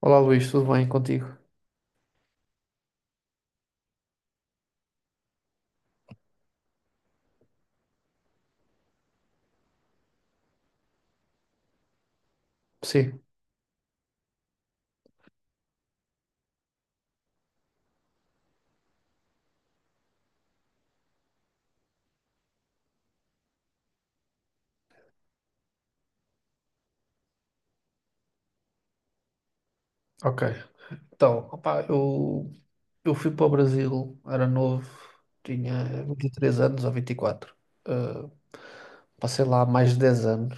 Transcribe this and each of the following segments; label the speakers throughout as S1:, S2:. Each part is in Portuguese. S1: Olá Luís, tudo bem contigo? Sim, ok. Então, opá, eu fui para o Brasil, era novo, tinha 23 anos ou 24. Uh, Passei lá mais de 10 anos.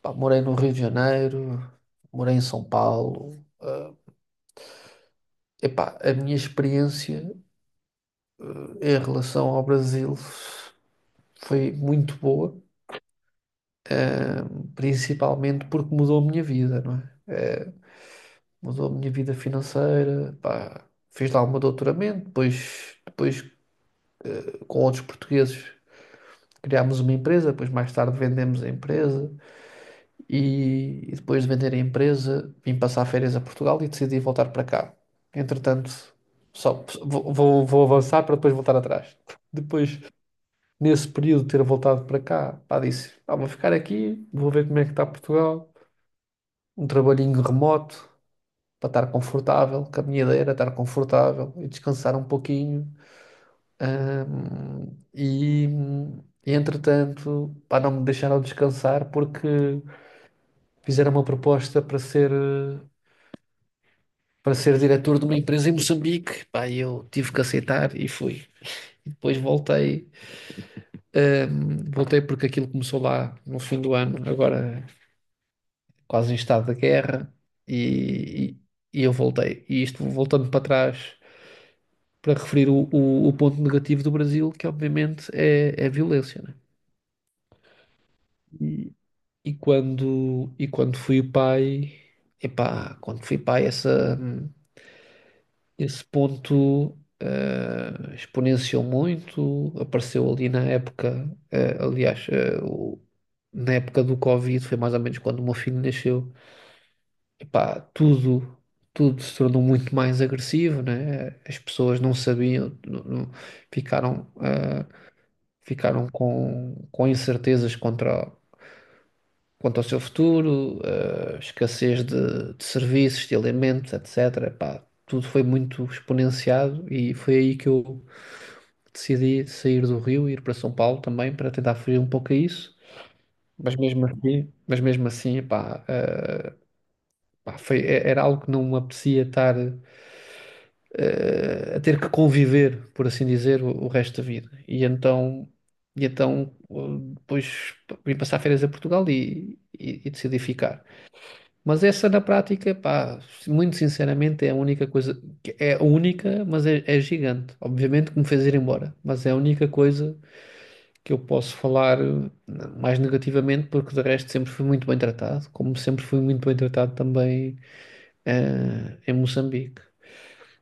S1: Pá, morei no Rio de Janeiro, morei em São Paulo. Uh, epá, a minha experiência em relação ao Brasil foi muito boa, principalmente porque mudou a minha vida, não é? Mudou a minha vida financeira, pá, fiz lá o meu doutoramento, depois com outros portugueses criámos uma empresa, depois mais tarde vendemos a empresa e depois de vender a empresa vim passar férias a Portugal e decidi voltar para cá. Entretanto, só vou avançar para depois voltar atrás. Depois, nesse período de ter voltado para cá, pá, disse, "Ah, vou ficar aqui, vou ver como é que está Portugal, um trabalhinho remoto para estar confortável, com a minha ideia era estar confortável e descansar um pouquinho. Ahm, e, e, entretanto, pá, não me deixaram descansar porque fizeram uma proposta para ser, para ser diretor de uma empresa em Moçambique. Pá, e eu tive que aceitar e fui. E depois voltei, voltei porque aquilo começou lá no fim do ano, agora quase em estado de guerra, e, e eu voltei. E isto voltando para trás para referir o ponto negativo do Brasil, que obviamente é a violência, né? E e quando fui pai, epá, quando fui pai, essa, esse ponto exponenciou muito. Apareceu ali na época, aliás, na época do Covid, foi mais ou menos quando o meu filho nasceu. Epá, tudo se tornou muito mais agressivo, né? As pessoas não sabiam, não- não- ficaram, ficaram com incertezas quanto ao seu futuro, escassez de serviços, de alimentos, etc. Pá, tudo foi muito exponenciado e foi aí que eu decidi sair do Rio e ir para São Paulo também para tentar fugir um pouco a isso. Mas mesmo assim, pá, era algo que não me apetecia estar a ter que conviver, por assim dizer, o resto da vida. Depois vim passar férias a Portugal e e decidi ficar. Mas essa na prática, pá, muito sinceramente é a única coisa, é a única, mas é gigante. Obviamente que me fez ir embora, mas é a única coisa que eu posso falar mais negativamente, porque de resto sempre fui muito bem tratado, como sempre fui muito bem tratado também em Moçambique.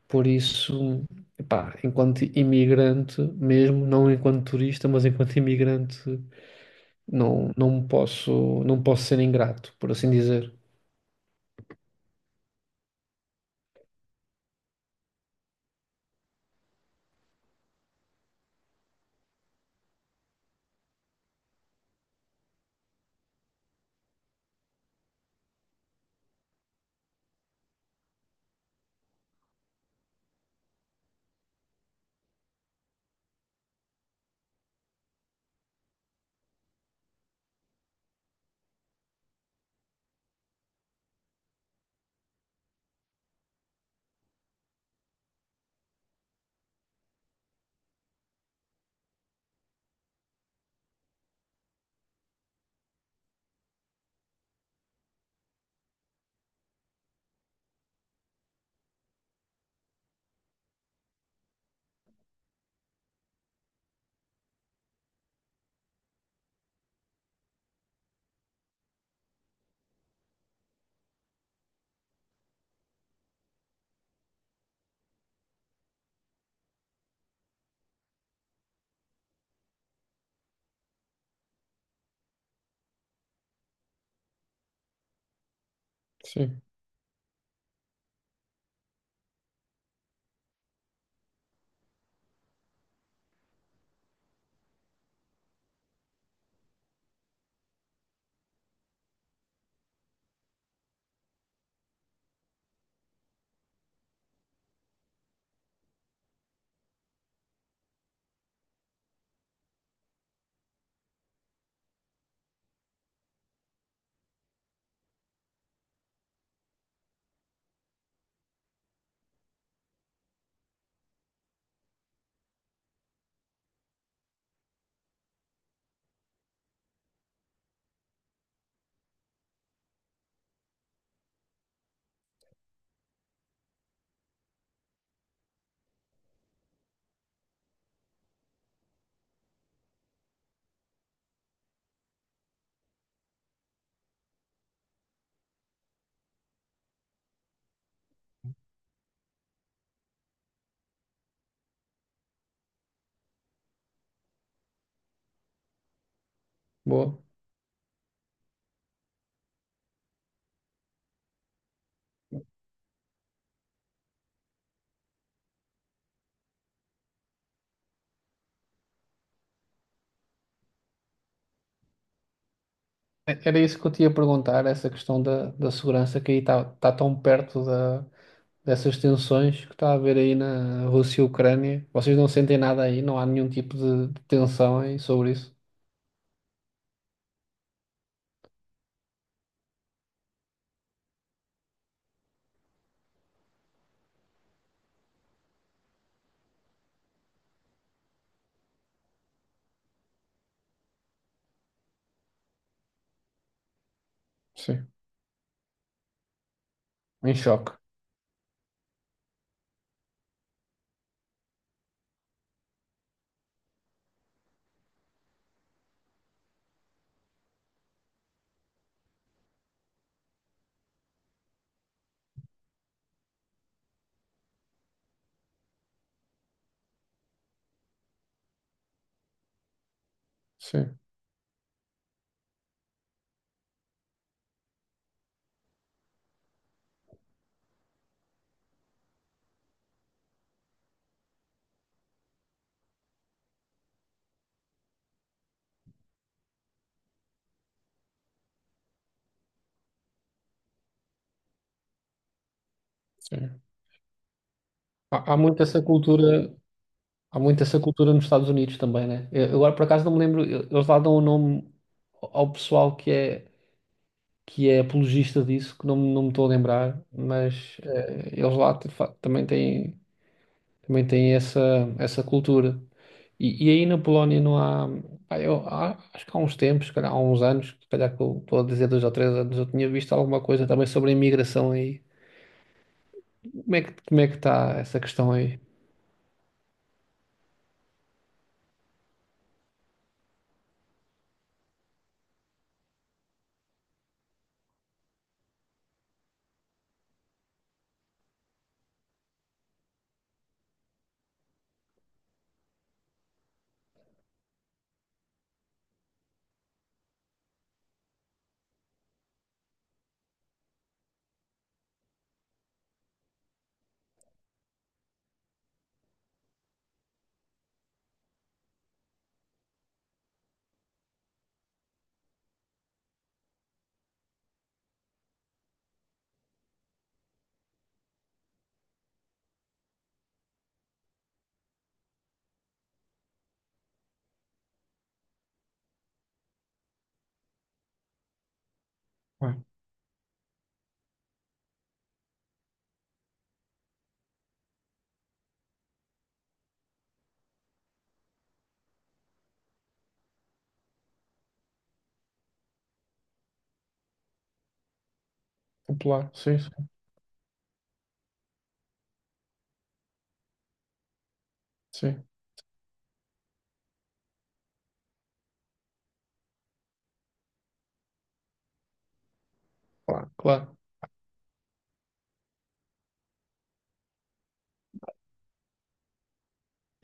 S1: Por isso, pá, enquanto imigrante mesmo, não enquanto turista, mas enquanto imigrante, não posso, não posso ser ingrato, por assim dizer. Sim, boa. Era isso que eu te ia perguntar, essa questão da segurança que aí está tá tá tão perto dessas tensões que está a haver aí na Rússia e Ucrânia. Vocês não sentem nada aí, não há nenhum tipo de tensão aí sobre isso? Sim, em choque. Sim, sim. Há muito essa cultura, há muito essa cultura nos Estados Unidos também, né? Eu agora por acaso não me lembro, eles lá dão o nome ao pessoal que é apologista disso, que não, não me estou a lembrar, mas eles lá também têm. Também tem essa, essa cultura. E aí na Polónia não há, pá, eu, acho que há uns tempos, se calhar há uns anos, se calhar que eu estou a dizer 2 ou 3 anos, eu tinha visto alguma coisa também sobre a imigração aí. Como é que está essa questão aí? Ah, popular, sim, sim, sim. Claro, claro.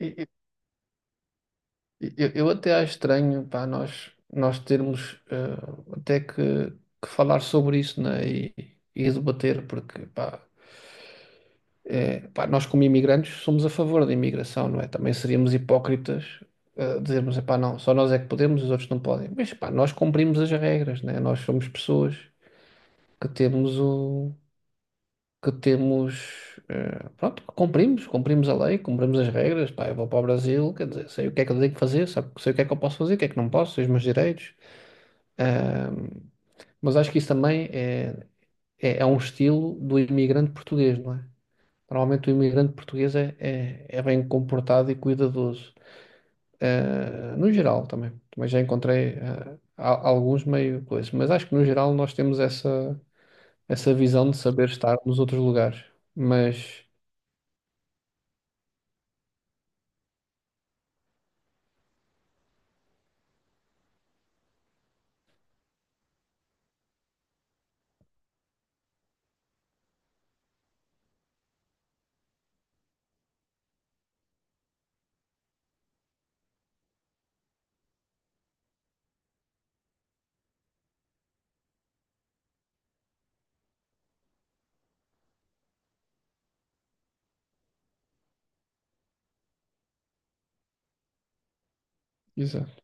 S1: E- e- eu até acho estranho, pá, nós termos até que falar sobre isso, né? E debater, porque, pá. É, pá, nós, como imigrantes, somos a favor da imigração, não é? Também seríamos hipócritas, dizermos, epá, não, só nós é que podemos, os outros não podem. Mas, pá, nós cumprimos as regras, né? Nós somos pessoas que temos o... que temos... pronto, cumprimos a lei, cumprimos as regras, pá, eu vou para o Brasil, quer dizer, sei o que é que eu tenho que fazer, sabe, sei o que é que eu posso fazer, o que é que não posso, sei os meus direitos. Ahm, mas acho que isso também é um estilo do imigrante português, não é? Normalmente o imigrante português é bem comportado e cuidadoso. No geral também. Também já encontrei alguns meio coisas. Mas acho que no geral nós temos essa, essa visão de saber estar nos outros lugares. Mas, exato,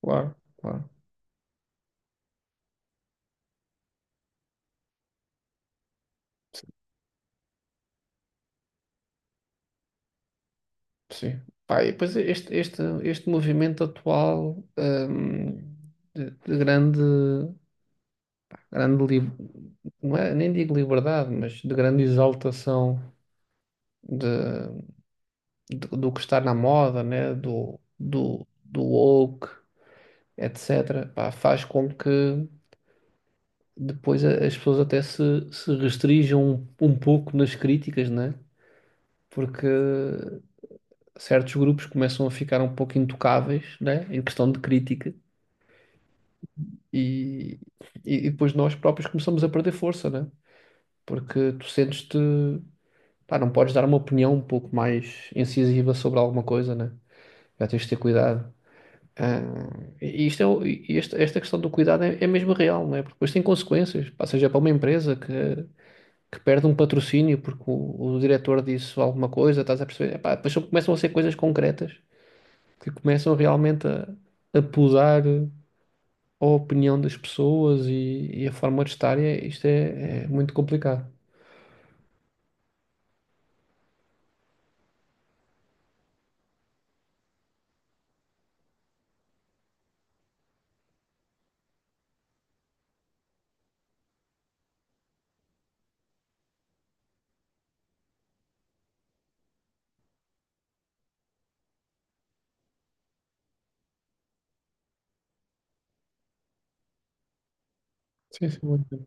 S1: claro, claro. Sim. Pá, e depois este movimento atual de grande, grande li- não é, nem digo liberdade, mas de grande exaltação de do que está na moda, né? Do woke, etc. Pá, faz com que depois as pessoas até se restringam um pouco nas críticas, né? Porque certos grupos começam a ficar um pouco intocáveis, né? Em questão de crítica e, e e depois nós próprios começamos a perder força, né? Porque tu sentes-te, pá, não podes dar uma opinião um pouco mais incisiva sobre alguma coisa, né? Já tens de ter cuidado. Ah, e e esta questão do cuidado é mesmo real, não é? Porque depois tem consequências, pá, seja para uma empresa que perde um patrocínio porque o diretor disse alguma coisa, estás a perceber? Epá, depois só começam a ser coisas concretas que começam realmente a podar a opinião das pessoas e a forma de estar, isto é muito complicado. Sim, sim, muito.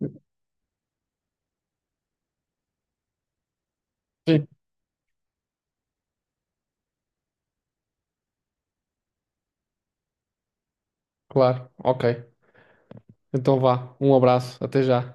S1: Bem. Sim, claro, ok. Então vá, um abraço, até já.